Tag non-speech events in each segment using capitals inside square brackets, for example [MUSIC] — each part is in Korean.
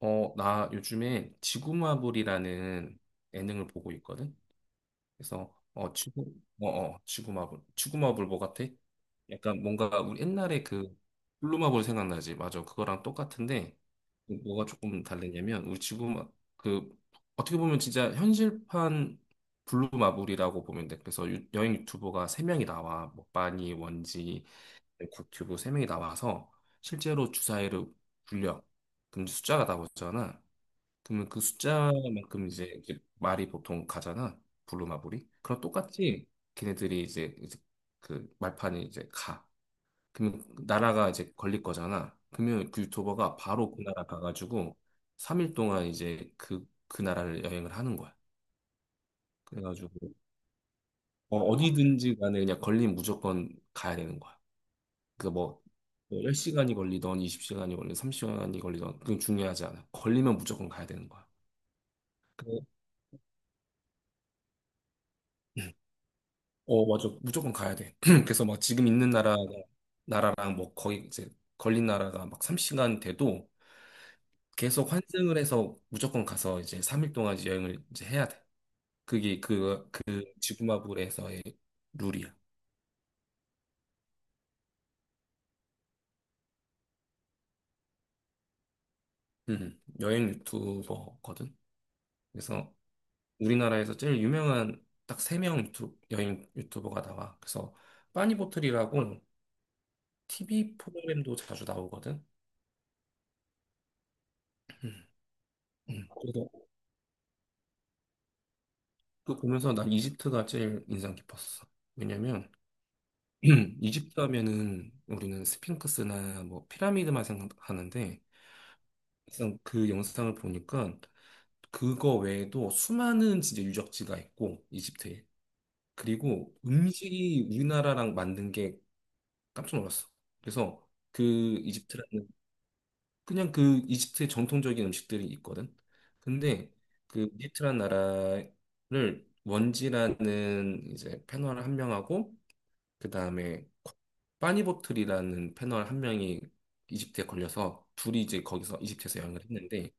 나 요즘에 지구마블이라는 예능을 보고 있거든. 그래서 지구마블. 지구마블 뭐 같아? 약간 뭔가 우리 옛날에 그 블루마블 생각나지? 맞아. 그거랑 똑같은데 뭐가 조금 다르냐면 우리 지구마 그 어떻게 보면 진짜 현실판 블루마블이라고 보면 돼. 그래서 여행 유튜버가 세명이 나와. 뭐 빠니, 원지, 국튜브 세명이 나와서 실제로 주사위를 굴려. 그럼 숫자가 나오잖아. 그러면 그 숫자만큼 이제 말이 보통 가잖아. 부루마블이. 그럼 똑같이 걔네들이 이제 그 말판이 이제 가. 그러면 나라가 이제 걸릴 거잖아. 그러면 그 유튜버가 바로 그 나라 가가지고 3일 동안 이제 그 나라를 여행을 하는 거야. 그래가지고 어디든지 간에 그냥 걸리면 무조건 가야 되는 거야. 그뭐 10시간이 걸리던 20시간이 걸리던 30시간이 걸리던 그건 중요하지 않아. 걸리면 무조건 가야 되는 거야. 어, 맞아. 무조건 가야 돼. [CLEARS THROAT] 그래서 막 지금 있는 나라랑 뭐 거의 이제 걸린 나라가 막 3시간 돼도 계속 환승을 해서 무조건 가서 이제 3일 동안 이제 여행을 이제 해야 돼. 그게 그 지구마블에서의 룰이야. 여행 유튜버거든. 그래서 우리나라에서 제일 유명한 딱 세 명 여행 유튜버가 나와. 그래서 빠니보틀이라고 TV 프로그램도 자주 나오거든. 음, 그래서 그 보면서 난 이집트가 제일 인상 깊었어. 왜냐면 [CLEARS THROAT] 이집트 하면은 우리는 스핑크스나 뭐 피라미드만 생각하는데 막상 그 영상을 보니까 그거 외에도 수많은 진짜 유적지가 있고 이집트에 그리고 음식이 우리나라랑 만든 게 깜짝 놀랐어. 그래서 그 이집트라는 그냥 그 이집트의 전통적인 음식들이 있거든. 근데 그 이집트란 나라를 원지라는 이제 패널 한 명하고 그 다음에 빠니보틀이라는 패널 한 명이 이집트에 걸려서 둘이 이제 거기서 이집트에서 여행을 했는데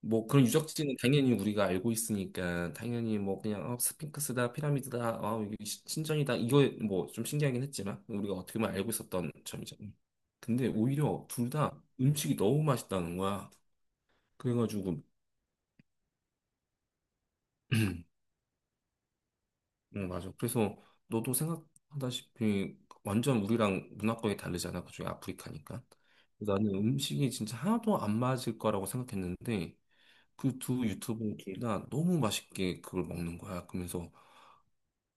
뭐 그런 유적지는 당연히 우리가 알고 있으니까 당연히 뭐 그냥 스핑크스다 피라미드다 아 이게 신전이다 이거 뭐 좀 신기하긴 했지만 우리가 어떻게 보면 알고 있었던 점이잖아. 근데 오히려 둘 다 음식이 너무 맛있다는 거야. 그래가지고 [CLEARS THROAT] 응 맞아. 그래서 너도 생각하다시피 완전 우리랑 문화권이 다르잖아. 그중에 아프리카니까. 나는 음식이 진짜 하나도 안 맞을 거라고 생각했는데 그 두 유튜브 둘 다 너무 맛있게 그걸 먹는 거야. 그러면서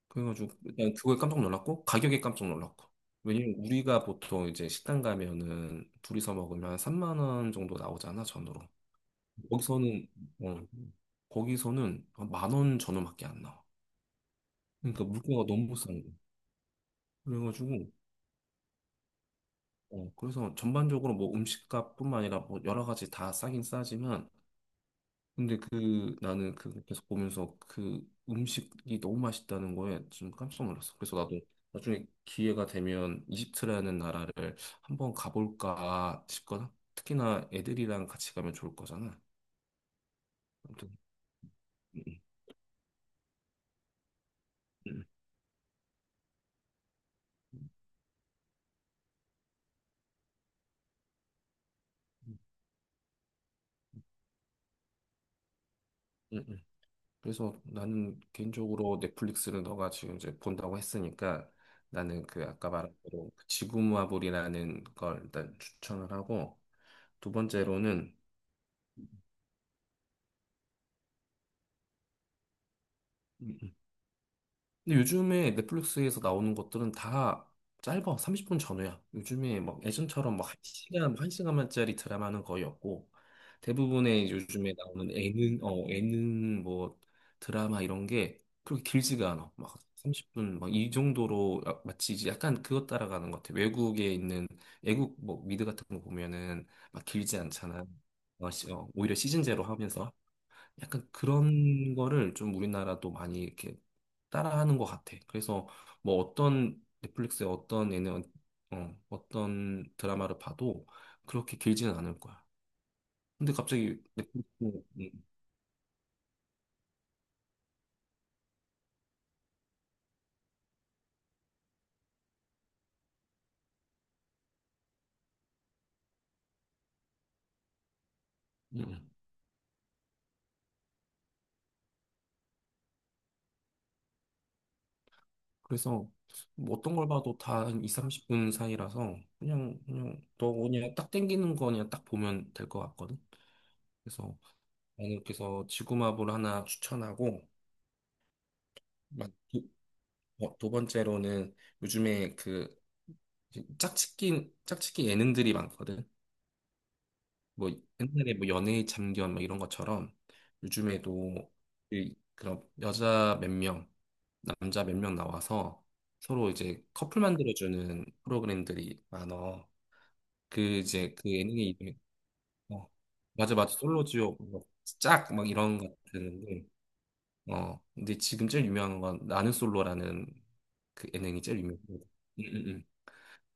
그래가지고 일단 그거에 깜짝 놀랐고 가격에 깜짝 놀랐고 왜냐면 우리가 보통 이제 식당 가면은 둘이서 먹으면 한 3만 원 정도 나오잖아 전으로 거기서는 어, 거기서는 만원 전후밖에 안 나와. 그러니까 물가가 너무 싼 거야. 그래가지고 그래서 전반적으로 뭐 음식값뿐만 아니라 뭐 여러 가지 다 싸긴 싸지만 근데 그 나는 그 계속 보면서 그 음식이 너무 맛있다는 거에 좀 깜짝 놀랐어. 그래서 나도 나중에 기회가 되면 이집트라는 나라를 한번 가볼까 싶거나 특히나 애들이랑 같이 가면 좋을 거잖아. 아무튼 음, 음, 음, 음, 음. 그래서 나는 개인적으로 넷플릭스를 너가 지금 이제 본다고 했으니까 나는 그 아까 말한 대로 그 지구마블이라는 걸 일단 추천을 하고 두 번째로는 근데 요즘에 넷플릭스에서 나오는 것들은 다 짧아. 30분 전후야. 요즘에 막 예전처럼 막 한 시간만짜리 드라마는 거의 없고 대부분의 요즘에 나오는 예능 뭐 드라마 이런 게 그렇게 길지가 않아. 막 30분 막 이 정도로 마치 이제 약간 그것 따라가는 것 같아. 외국에 있는 외국 뭐 미드 같은 거 보면은 막 길지 않잖아. 오히려 시즌제로 하면서 약간 그런 거를 좀 우리나라도 많이 이렇게 따라하는 것 같아. 그래서 뭐 어떤 넷플릭스의 어떤 얘는 어떤 드라마를 봐도 그렇게 길지는 않을 거야. 근데 갑자기 넷플릭스 음. 음. 그래서 뭐 어떤 걸 봐도 다 한 2, 30분 사이라서 그냥 너 그냥 딱 땡기는 거 그냥 딱 보면 될 것 같거든. 그래서 나는 그래서 지구마블 하나 추천하고 마- 두, 두 번째로는 요즘에 그 짝짓기 예능들이 많거든. 뭐 옛날에 뭐 연애의 참견 뭐 이런 것처럼 요즘에도 그런 여자 몇 명, 남자 몇 명 나와서 서로 이제 커플 만들어주는 프로그램들이 많어. 그 이제 그 예능의 이름이 어 맞아 맞아 솔로지옥 짝막 이런 것들인데 근데 지금 제일 유명한 건 나는 솔로라는 그 예능이 제일 유명해. 음, 음.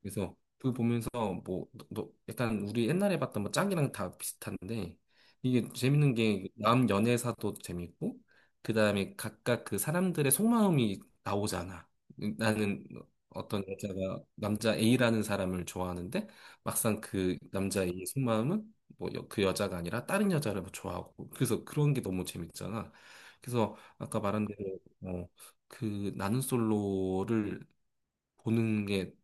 그래서 그걸 보면서 뭐 약간 우리 옛날에 봤던 뭐 짱이랑 다 비슷한데 이게 재밌는 게 그 남 연애사도 재밌고 그다음에 각각 그 사람들의 속마음이 나오잖아. 나는 어떤 여자가 남자 A라는 사람을 좋아하는데 막상 그 남자 A의 속마음은 뭐 그 여자가 아니라 다른 여자를 뭐 좋아하고 그래서 그런 게 너무 재밌잖아. 그래서 아까 말한 대로 그 나는 솔로를 보는 게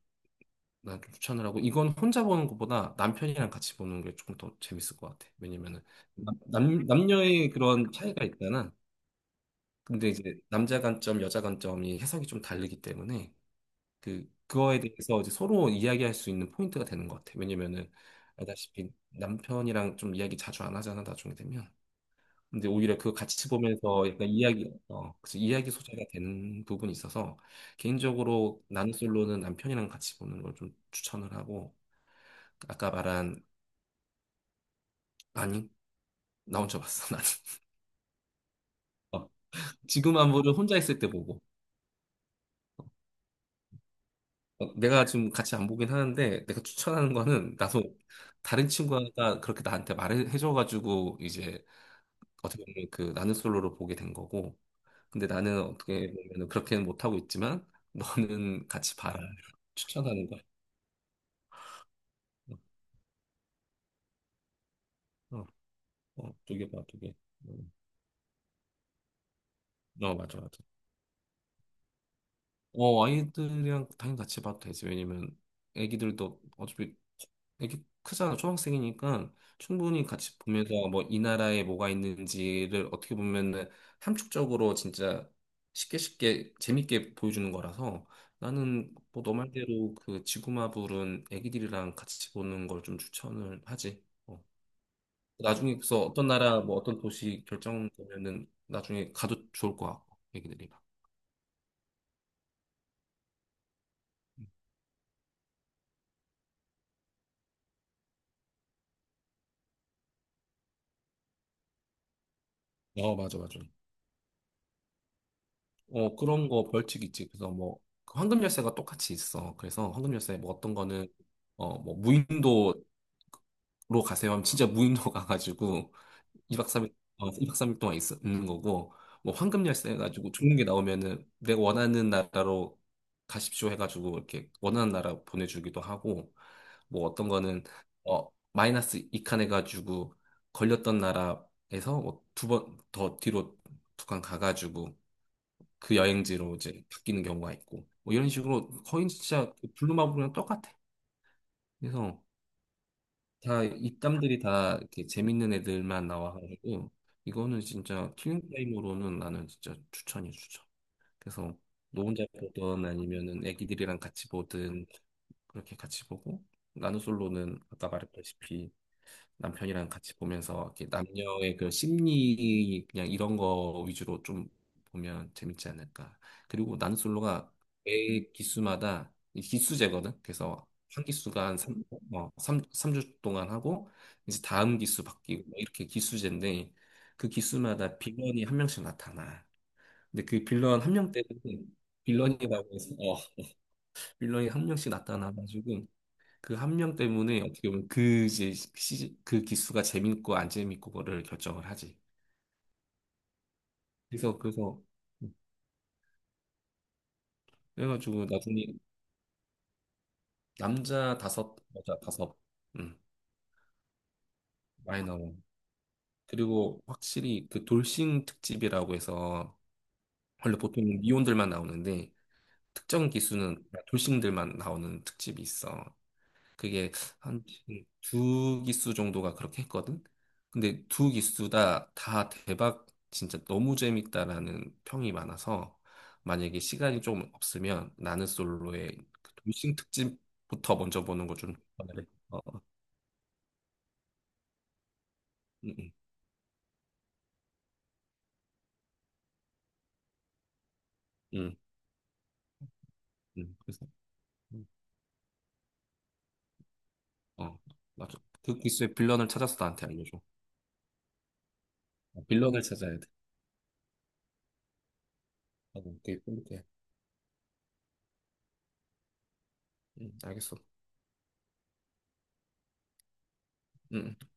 난 좀 추천을 하고 이건 혼자 보는 것보다 남편이랑 같이 보는 게 조금 더 재밌을 것 같아. 왜냐면은 남녀의 그런 차이가 있잖아. 근데 이제 남자 관점, 여자 관점이 해석이 좀 다르기 때문에 그거에 대해서 이제 서로 이야기할 수 있는 포인트가 되는 것 같아. 왜냐면은 알다시피 남편이랑 좀 이야기 자주 안 하잖아 나중에 되면. 근데 오히려 그 같이 보면서 약간 이야기 소재가 되는 부분이 있어서 개인적으로 나는 솔로는 남편이랑 같이 보는 걸 좀 추천을 하고 아까 말한 나니? 나 혼자 봤어, 나 [LAUGHS] 어, 지금 안보를 혼자 있을 때 보고. 내가 지금 같이 안 보긴 하는데, 내가 추천하는 거는, 나도 다른 친구가 그렇게 나한테 말해줘가지고, 이제, 어떻게 보면 그 나는 솔로로 보게 된 거고, 근데 나는 어떻게 보면 그렇게는 못하고 있지만, 너는 같이 봐라. 추천하는 거야. 어, 두개 봐, 두 개. 음, 어, 맞아, 맞아. 아이들이랑 당연히 같이 봐도 되지. 왜냐면 애기들도 어차피 애기 크잖아. 초등학생이니까 충분히 같이 보면서 뭐 이 나라에 뭐가 있는지를 어떻게 보면은 함축적으로 진짜 쉽게 쉽게 재밌게 보여주는 거라서 나는 뭐 너 말대로 그 지구마블은 애기들이랑 같이 보는 걸 좀 추천을 하지. 어. 나중에 그래서 어떤 나라 뭐 어떤 도시 결정되면은 나중에 가도 좋을 것 같고 애기들이랑. 어, 맞아, 맞아. 그런 거 벌칙 있지. 그래서 뭐, 그 황금 열쇠가 똑같이 있어. 그래서 황금 열쇠, 뭐 어떤 거는, 무인도로 가세요 하면 진짜 무인도 [LAUGHS] 가가지고 2박 3일, 이 박 삼일 동안 있는 거고, 뭐 황금 열쇠 해가지고 좋은 게 나오면은 내가 원하는 나라로 가십시오 해가지고 이렇게 원하는 나라 보내주기도 하고, 뭐 어떤 거는, 마이너스 2칸 해가지고 걸렸던 나라에서 뭐 두 번 더 뒤로 두 칸 가가지고 그 여행지로 이제 바뀌는 경우가 있고 뭐 이런 식으로 거의 진짜 그 블루마블이랑 똑같아. 그래서 다 입담들이 다 이렇게 재밌는 애들만 나와가지고 이거는 진짜 킬링 타임으로는 나는 진짜 추천이야 추천. 그래서 너 혼자 보든 아니면은 애기들이랑 같이 보든 그렇게 같이 보고 나는 솔로는 아까 말했다시피 남편이랑 같이 보면서 이렇게 남녀의 그 심리 그냥 이런 거 위주로 좀 보면 재밌지 않을까. 그리고 나는 솔로가 매 기수마다 이 기수제거든. 그래서 한 기수가 한 3, 삼삼주 동안 하고 이제 다음 기수 바뀌고 뭐 이렇게 기수제인데 그 기수마다 빌런이 한 명씩 나타나. 근데 그 빌런 한 명 때문에 빌런이라고 해서 빌런이 한 명씩 나타나가지고 그 한 명 때문에 어떻게 보면 그 이제 시그 기수가 재밌고 안 재밌고 거를 결정을 하지. 그래서 음, 그래가지고 나중에 남자 다섯 여자 다섯 음, 많이 나오고 그리고 확실히 그 돌싱 특집이라고 해서 원래 보통 미혼들만 나오는데 특정 기수는 돌싱들만 나오는 특집이 있어. 그게 한 두 기수 정도가 그렇게 했거든. 근데 두 기수 다 대박 진짜 너무 재밌다라는 평이 많아서 만약에 시간이 좀 없으면 나는 솔로의 그 돌싱 특집부터 먼저 보는 거 좀 추천을 해. 어, 어, 응, 응, 응, 응. 그래서 응. 어, 맞아. 그 기수의 빌런을 찾아서 나한테 알려줘. 빌런을 찾아야 돼. 그게 꿀팁이야. 응, 알겠어. 응. 응.